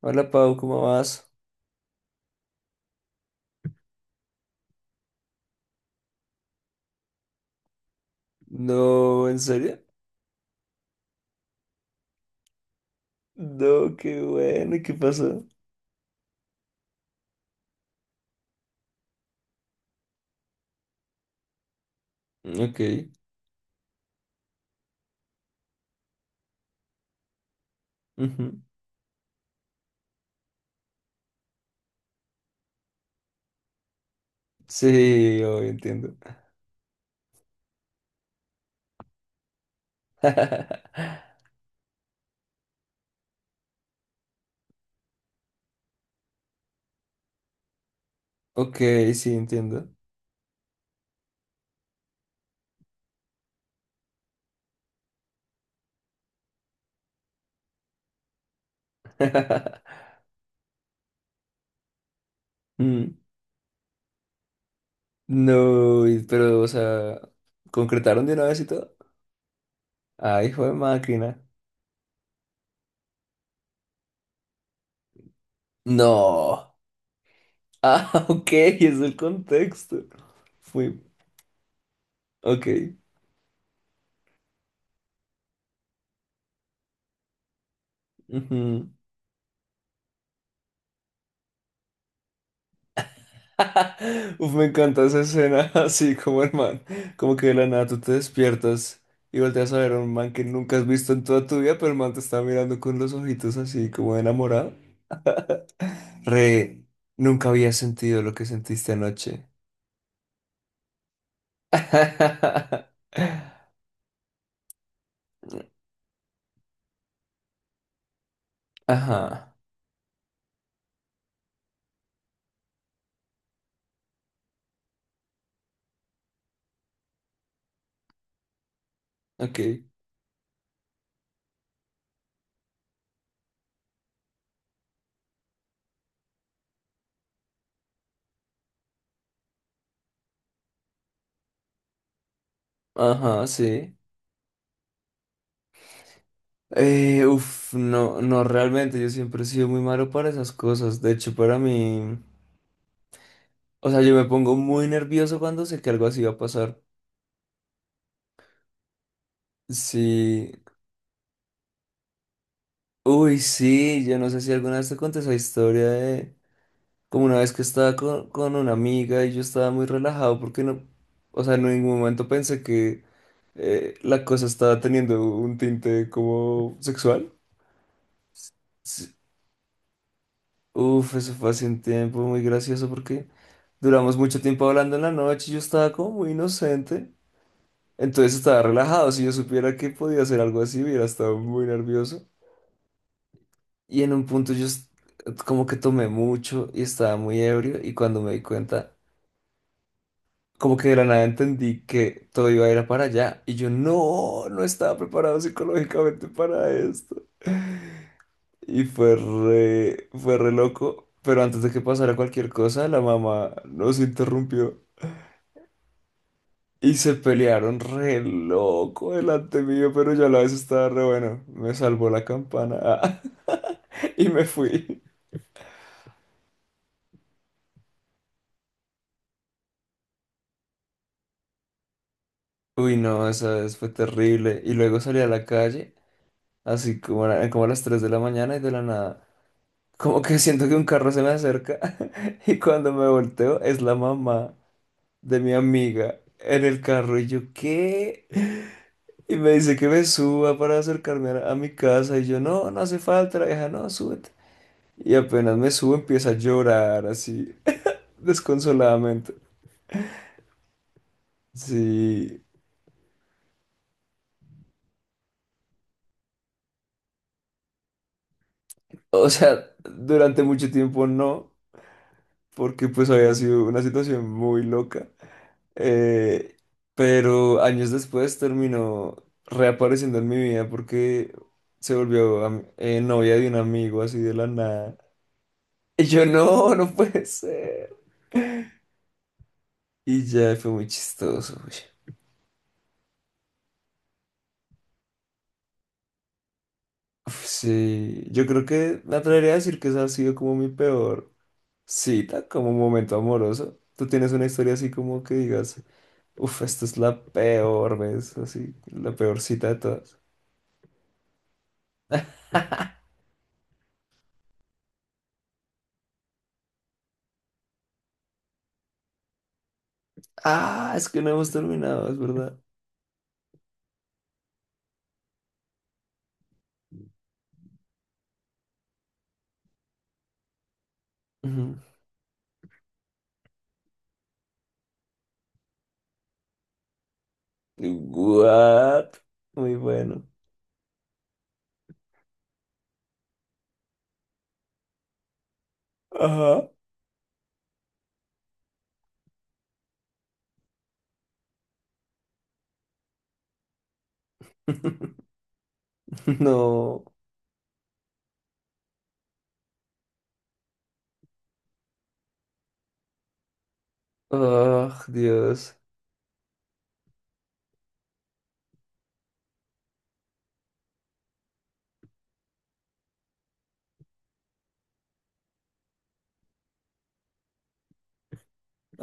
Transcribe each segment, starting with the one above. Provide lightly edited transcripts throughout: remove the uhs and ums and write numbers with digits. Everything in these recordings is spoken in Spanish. Hola Pau, ¿cómo vas? No, ¿en serio? No, qué bueno, ¿y qué pasó? Ok, ujú. Sí, hoy entiendo. Ok, sí, entiendo. Mm, no, pero, o sea, ¿concretaron de una vez y todo? Ah, hijo de máquina. No. Ah, ok, es el contexto. Fui, ok. Uf, me encanta esa escena, así como el man, como que de la nada tú te despiertas y volteas a ver a un man que nunca has visto en toda tu vida, pero el man te está mirando con los ojitos así como de enamorado. Re, nunca había sentido lo que sentiste anoche. Ajá, ok. Ajá, sí. No, no, realmente yo siempre he sido muy malo para esas cosas. De hecho, para mí, o sea, yo me pongo muy nervioso cuando sé que algo así va a pasar. Sí, uy, sí, yo no sé si alguna vez te conté esa historia de como una vez que estaba con una amiga y yo estaba muy relajado porque no, o sea, en ningún momento pensé que la cosa estaba teniendo un tinte como sexual. Sí, uf, eso fue hace un tiempo muy gracioso porque duramos mucho tiempo hablando en la noche y yo estaba como muy inocente. Entonces estaba relajado, si yo supiera que podía hacer algo así, hubiera estado muy nervioso. Y en un punto como que tomé mucho y estaba muy ebrio y cuando me di cuenta, como que de la nada entendí que todo iba a ir a para allá y yo no, no estaba preparado psicológicamente para esto. Y fue re loco, pero antes de que pasara cualquier cosa, la mamá nos interrumpió y se pelearon re loco delante mío, pero yo a la vez estaba re bueno, me salvó la campana y me fui. Uy, no, esa vez fue terrible. Y luego salí a la calle, así como como a las 3 de la mañana y de la nada. Como que siento que un carro se me acerca y cuando me volteo es la mamá de mi amiga en el carro y yo, ¿qué? Y me dice que me suba para acercarme a mi casa y yo, no, no hace falta, la vieja, no, súbete. Y apenas me subo empieza a llorar así, desconsoladamente. Sí, o sea, durante mucho tiempo no, porque pues había sido una situación muy loca. Eh, pero años después terminó reapareciendo en mi vida porque se volvió novia de un amigo así de la nada. Y yo no, no puede ser. Y ya fue muy chistoso. Uy. Uf, sí, yo creo que me atrevería a decir que esa ha sido como mi peor cita, como momento amoroso. ¿Tú tienes una historia así como que digas, uff, esta es la peor vez, así, la peor cita de todas? Ah, es que no hemos terminado, es verdad. Ujú. ¿What? Muy bueno. Ajá. No. Ah, Dios.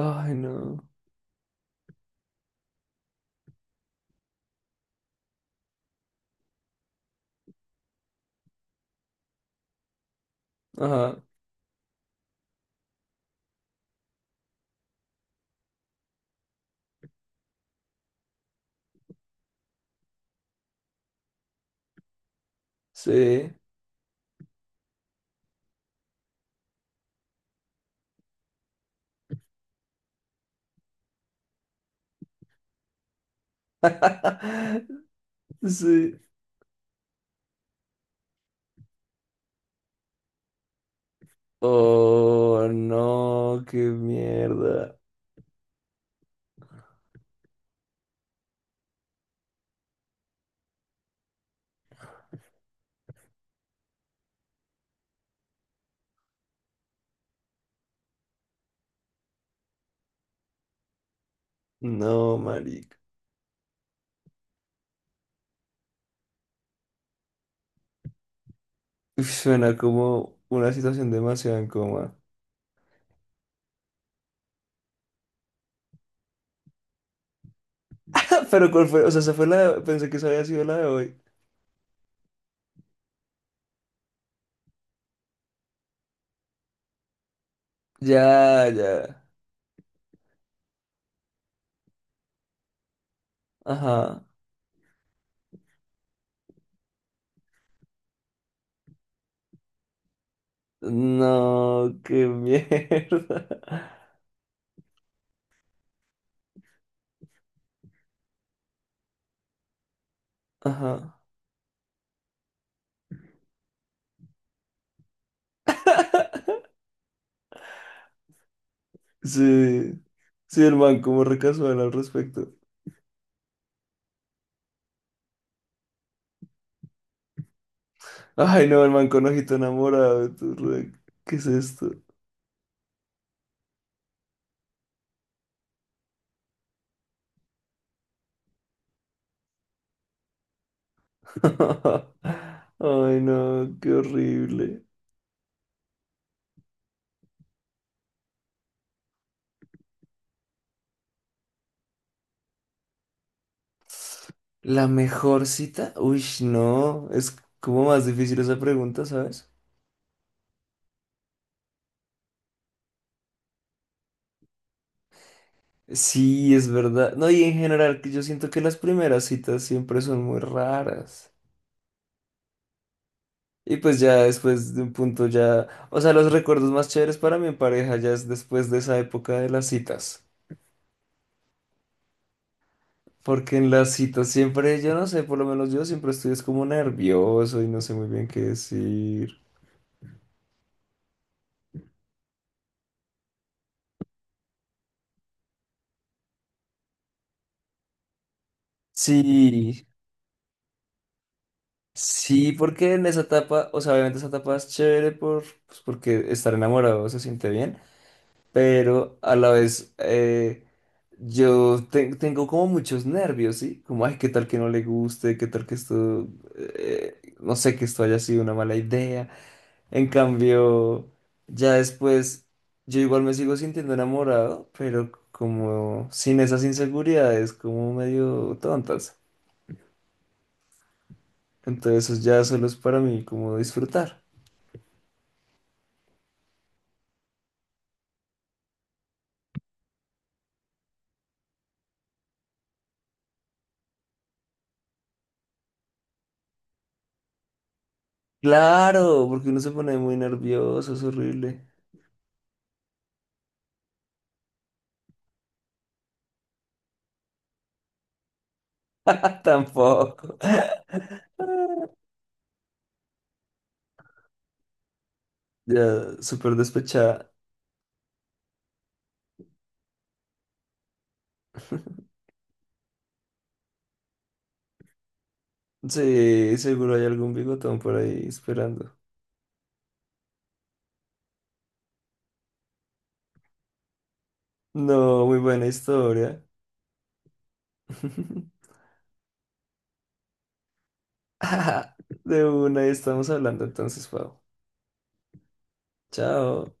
Ay, no. Ajá. Sí. Sí. Oh, no, qué mierda. No, marica. Uf, suena como una situación demasiado en coma. Pero ¿cuál fue? O sea, esa fue la de... Pensé que esa había sido la de hoy. Ya, ya. Ajá. No, qué mierda. Ajá. Sí, sí, el man, como recasual al respecto. Ay, no, el man con ojito enamorado. Tú, re- ¿Qué es esto? Ay, no, qué horrible. ¿La mejor cita? Uy, no, es como más difícil esa pregunta, ¿sabes? Sí, es verdad. No, y en general, que yo siento que las primeras citas siempre son muy raras. Y pues ya después de un punto ya, o sea, los recuerdos más chéveres para mi pareja ya es después de esa época de las citas. Porque en las citas siempre, yo no sé, por lo menos yo siempre estoy es como nervioso y no sé muy bien qué decir. Sí, sí, porque en esa etapa, o sea, obviamente esa etapa es chévere por, pues porque estar enamorado se siente bien, pero a la vez, tengo como muchos nervios, ¿sí? Como, ay, qué tal que no le guste, qué tal que esto, no sé, que esto haya sido una mala idea. En cambio, ya después, yo igual me sigo sintiendo enamorado, pero como sin esas inseguridades, como medio tontas. Entonces eso ya solo es para mí como disfrutar. Claro, porque uno se pone muy nervioso, es horrible. Tampoco. Ya, súper despechada. Sí, seguro hay algún bigotón por ahí esperando. No, muy buena historia. De una, estamos hablando entonces, Pau. Chao.